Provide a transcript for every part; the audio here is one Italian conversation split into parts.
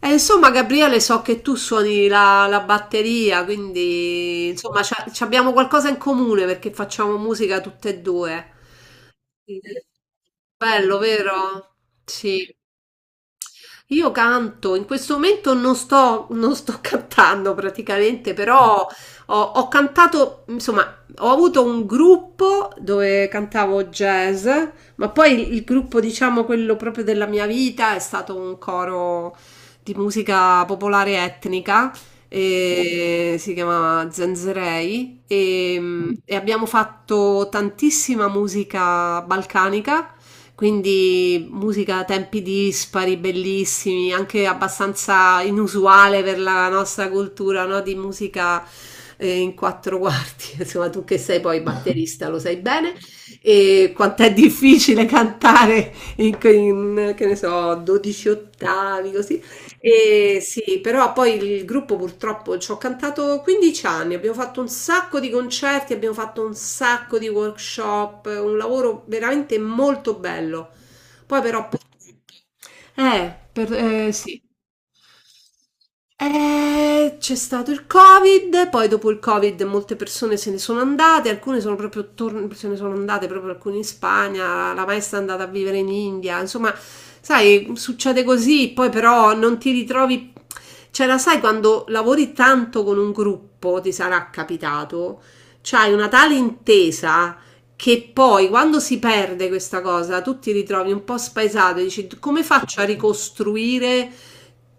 E insomma, Gabriele, so che tu suoni la batteria, quindi insomma, ci abbiamo qualcosa in comune perché facciamo musica tutte e due. Sì. Bello, vero? Sì. Io canto, in questo momento non sto cantando praticamente, però ho cantato, insomma, ho avuto un gruppo dove cantavo jazz, ma poi il gruppo, diciamo, quello proprio della mia vita è stato un coro di musica popolare etnica, e si chiamava Zenzerei, e abbiamo fatto tantissima musica balcanica, quindi musica a tempi dispari, bellissimi, anche abbastanza inusuale per la nostra cultura, no? Di musica in quattro quarti, insomma tu che sei poi batterista lo sai bene, e quanto è difficile cantare che ne so, 12 ottavi, così. E sì, però poi il gruppo purtroppo ci ho cantato 15 anni, abbiamo fatto un sacco di concerti, abbiamo fatto un sacco di workshop, un lavoro veramente molto bello. Poi però purtroppo... sì. C'è stato il Covid, poi dopo il Covid molte persone se ne sono andate, alcune se ne sono andate proprio alcune in Spagna, la maestra è andata a vivere in India, insomma, sai, succede così, poi però non ti ritrovi, cioè la sai quando lavori tanto con un gruppo, ti sarà capitato, c'hai una tale intesa che poi quando si perde questa cosa tu ti ritrovi un po' spaesato e dici come faccio a ricostruire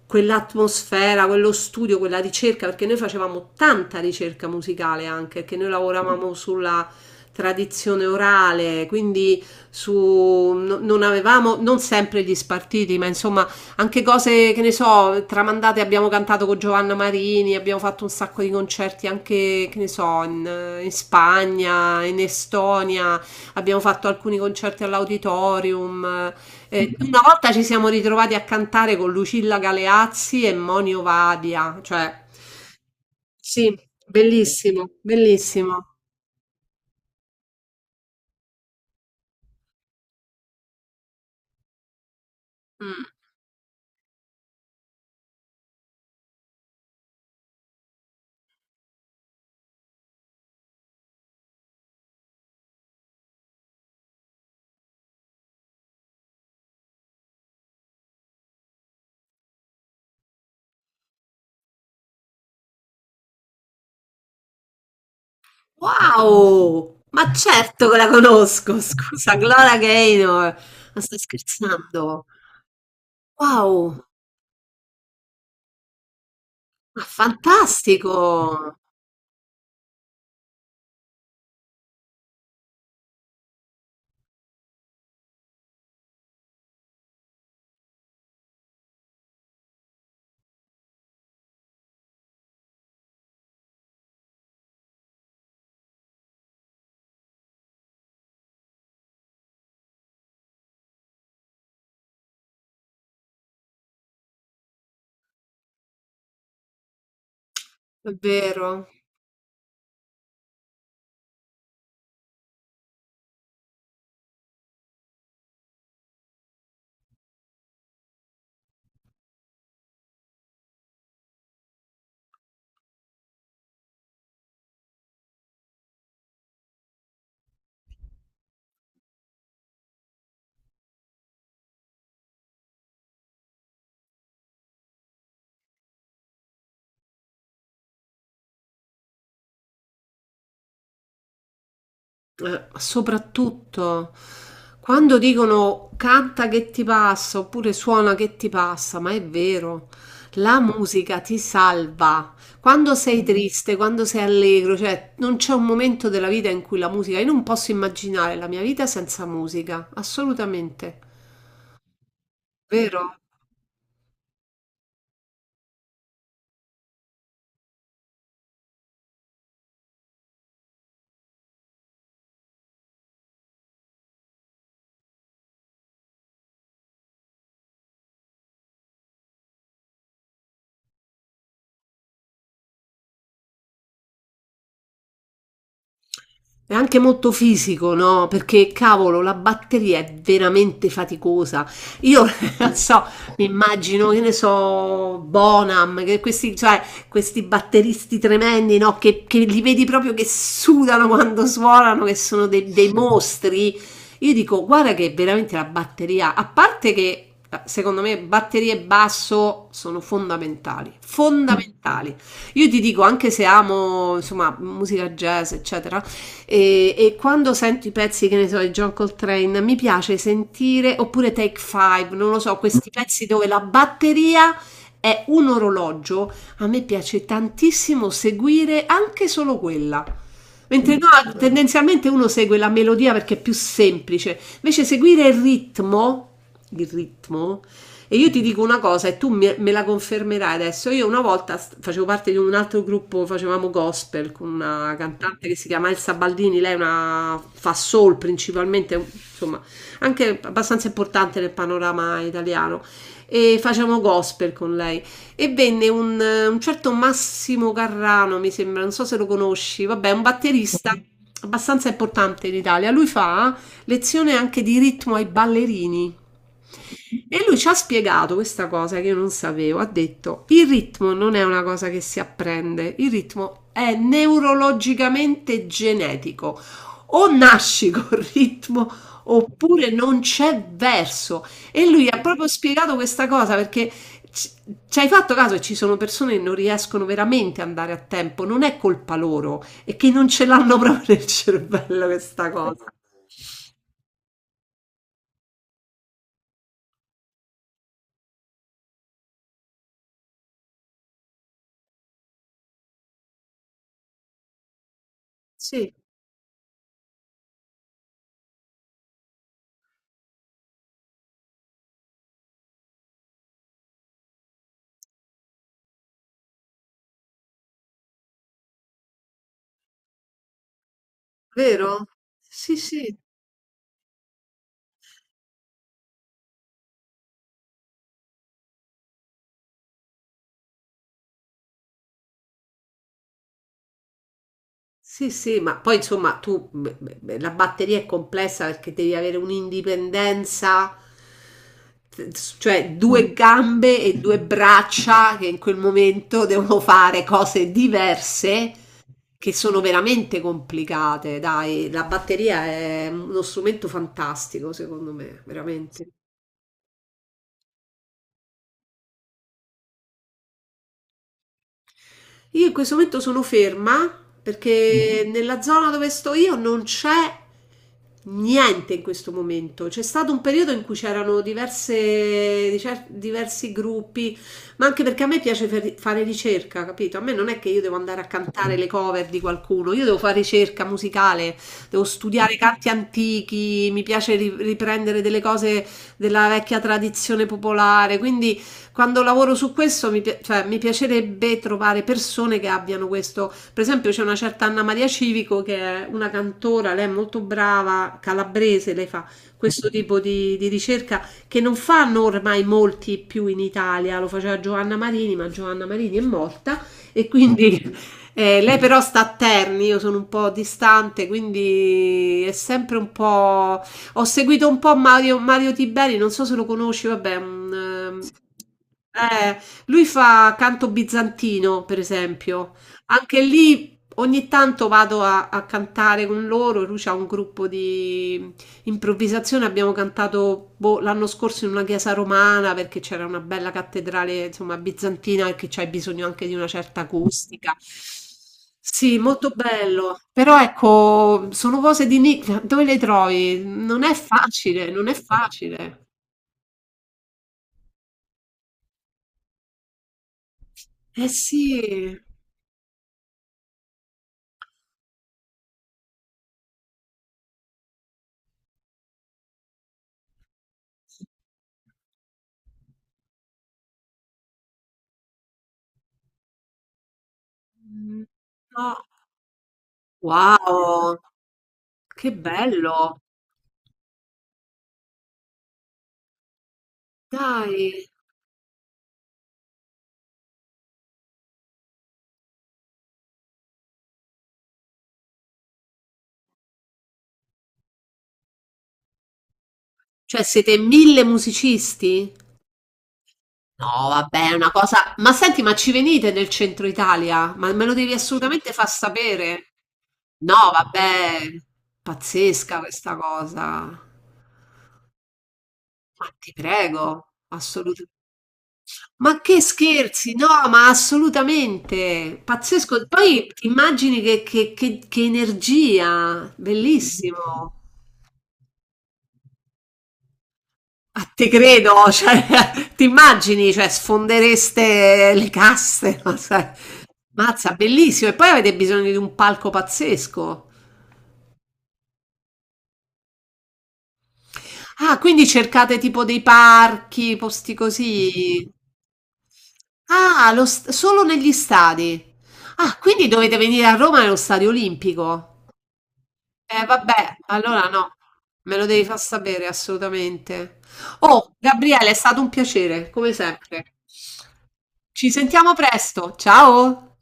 quell'atmosfera, quello studio, quella ricerca, perché noi facevamo tanta ricerca musicale anche, perché noi lavoravamo sulla tradizione orale, quindi su, non avevamo non sempre gli spartiti, ma insomma anche cose che ne so, tramandate, abbiamo cantato con Giovanna Marini, abbiamo fatto un sacco di concerti anche, che ne so, in Spagna, in Estonia, abbiamo fatto alcuni concerti all'auditorium. Una volta ci siamo ritrovati a cantare con Lucilla Galeazzi e Monio Vadia, cioè sì, bellissimo, bellissimo. Mm. Wow! Ma certo che la conosco, scusa, Gloria Gaynor, ma stai scherzando? Wow, ma fantastico! È vero. Soprattutto quando dicono canta che ti passa oppure suona che ti passa, ma è vero, la musica ti salva. Quando sei triste, quando sei allegro, cioè non c'è un momento della vita in cui la musica, io non posso immaginare la mia vita senza musica, assolutamente. Vero? È anche molto fisico, no? Perché cavolo, la batteria è veramente faticosa. Io so, mi immagino, che ne so, Bonham, che questi, cioè, questi batteristi tremendi, no? Che li vedi proprio che sudano quando suonano, che sono dei mostri. Io dico, guarda che veramente la batteria, a parte che secondo me batterie e basso sono fondamentali, fondamentali. Io ti dico, anche se amo, insomma, musica jazz, eccetera, e quando sento i pezzi, che ne so, di John Coltrane, mi piace sentire, oppure Take Five, non lo so, questi pezzi dove la batteria è un orologio, a me piace tantissimo seguire anche solo quella. Mentre no, tendenzialmente uno segue la melodia perché è più semplice, invece seguire il ritmo, il ritmo, e io ti dico una cosa e tu me la confermerai adesso. Io una volta facevo parte di un altro gruppo, facevamo gospel con una cantante che si chiama Elsa Baldini, lei è una, fa soul principalmente, insomma, anche abbastanza importante nel panorama italiano. E facevamo gospel con lei. E venne un certo Massimo Carrano, mi sembra, non so se lo conosci, vabbè, un batterista abbastanza importante in Italia. Lui fa lezione anche di ritmo ai ballerini. E lui ci ha spiegato questa cosa che io non sapevo. Ha detto: il ritmo non è una cosa che si apprende, il ritmo è neurologicamente genetico. O nasci col ritmo oppure non c'è verso. E lui ha proprio spiegato questa cosa perché ci ci hai fatto caso che ci sono persone che non riescono veramente ad andare a tempo, non è colpa loro, è che non ce l'hanno proprio nel cervello questa cosa. Sì, vero? Sì, sì. Sì, sì, ma poi insomma tu beh, la batteria è complessa perché devi avere un'indipendenza, t- cioè due gambe e due braccia che in quel momento devono fare cose diverse che sono veramente complicate. Dai, la batteria è uno strumento fantastico, secondo me, veramente. Io in questo momento sono ferma perché Mhm. nella zona dove sto io non c'è niente in questo momento. C'è stato un periodo in cui c'erano diversi gruppi, ma anche perché a me piace fare ricerca, capito? A me non è che io devo andare a cantare le cover di qualcuno, io devo fare ricerca musicale, devo studiare canti antichi, mi piace riprendere delle cose della vecchia tradizione popolare, quindi quando lavoro su questo cioè, mi piacerebbe trovare persone che abbiano questo. Per esempio, c'è una certa Anna Maria Civico che è una cantora, lei è molto brava, calabrese, lei fa questo tipo di ricerca che non fanno ormai molti più in Italia, lo faceva Giovanna Marini, ma Giovanna Marini è morta e quindi. Lei però sta a Terni, io sono un po' distante, quindi è sempre un po'. Ho seguito un po' Mario Tiberi, non so se lo conosci, vabbè, un, eh, lui fa canto bizantino, per esempio. Anche lì ogni tanto vado a cantare con loro, lui c'ha un gruppo di improvvisazione, abbiamo cantato boh, l'anno scorso in una chiesa romana perché c'era una bella cattedrale, insomma, bizantina e che c'hai bisogno anche di una certa acustica. Sì, molto bello. Però ecco, sono cose di nicchia, dove le trovi? Non è facile, non è facile. Eh sì. Mm. No. Wow, che bello. Dai. Cioè, siete mille musicisti? No, vabbè, è una cosa. Ma senti, ma ci venite nel centro Italia? Ma me lo devi assolutamente far sapere. No, vabbè, pazzesca questa cosa. Ma ti prego, assolutamente. Ma che scherzi, no, ma assolutamente. Pazzesco. Poi ti immagini che, che energia, bellissimo. A te credo, cioè, ti immagini, cioè, sfondereste le casse, ma sai. Mazza, bellissimo. E poi avete bisogno di un palco pazzesco. Ah, quindi cercate tipo dei parchi, posti così. Ah, solo negli stadi. Ah, quindi dovete venire a Roma nello stadio olimpico. Vabbè, allora no, me lo devi far sapere assolutamente. Oh, Gabriele, è stato un piacere, come sempre. Ci sentiamo presto. Ciao!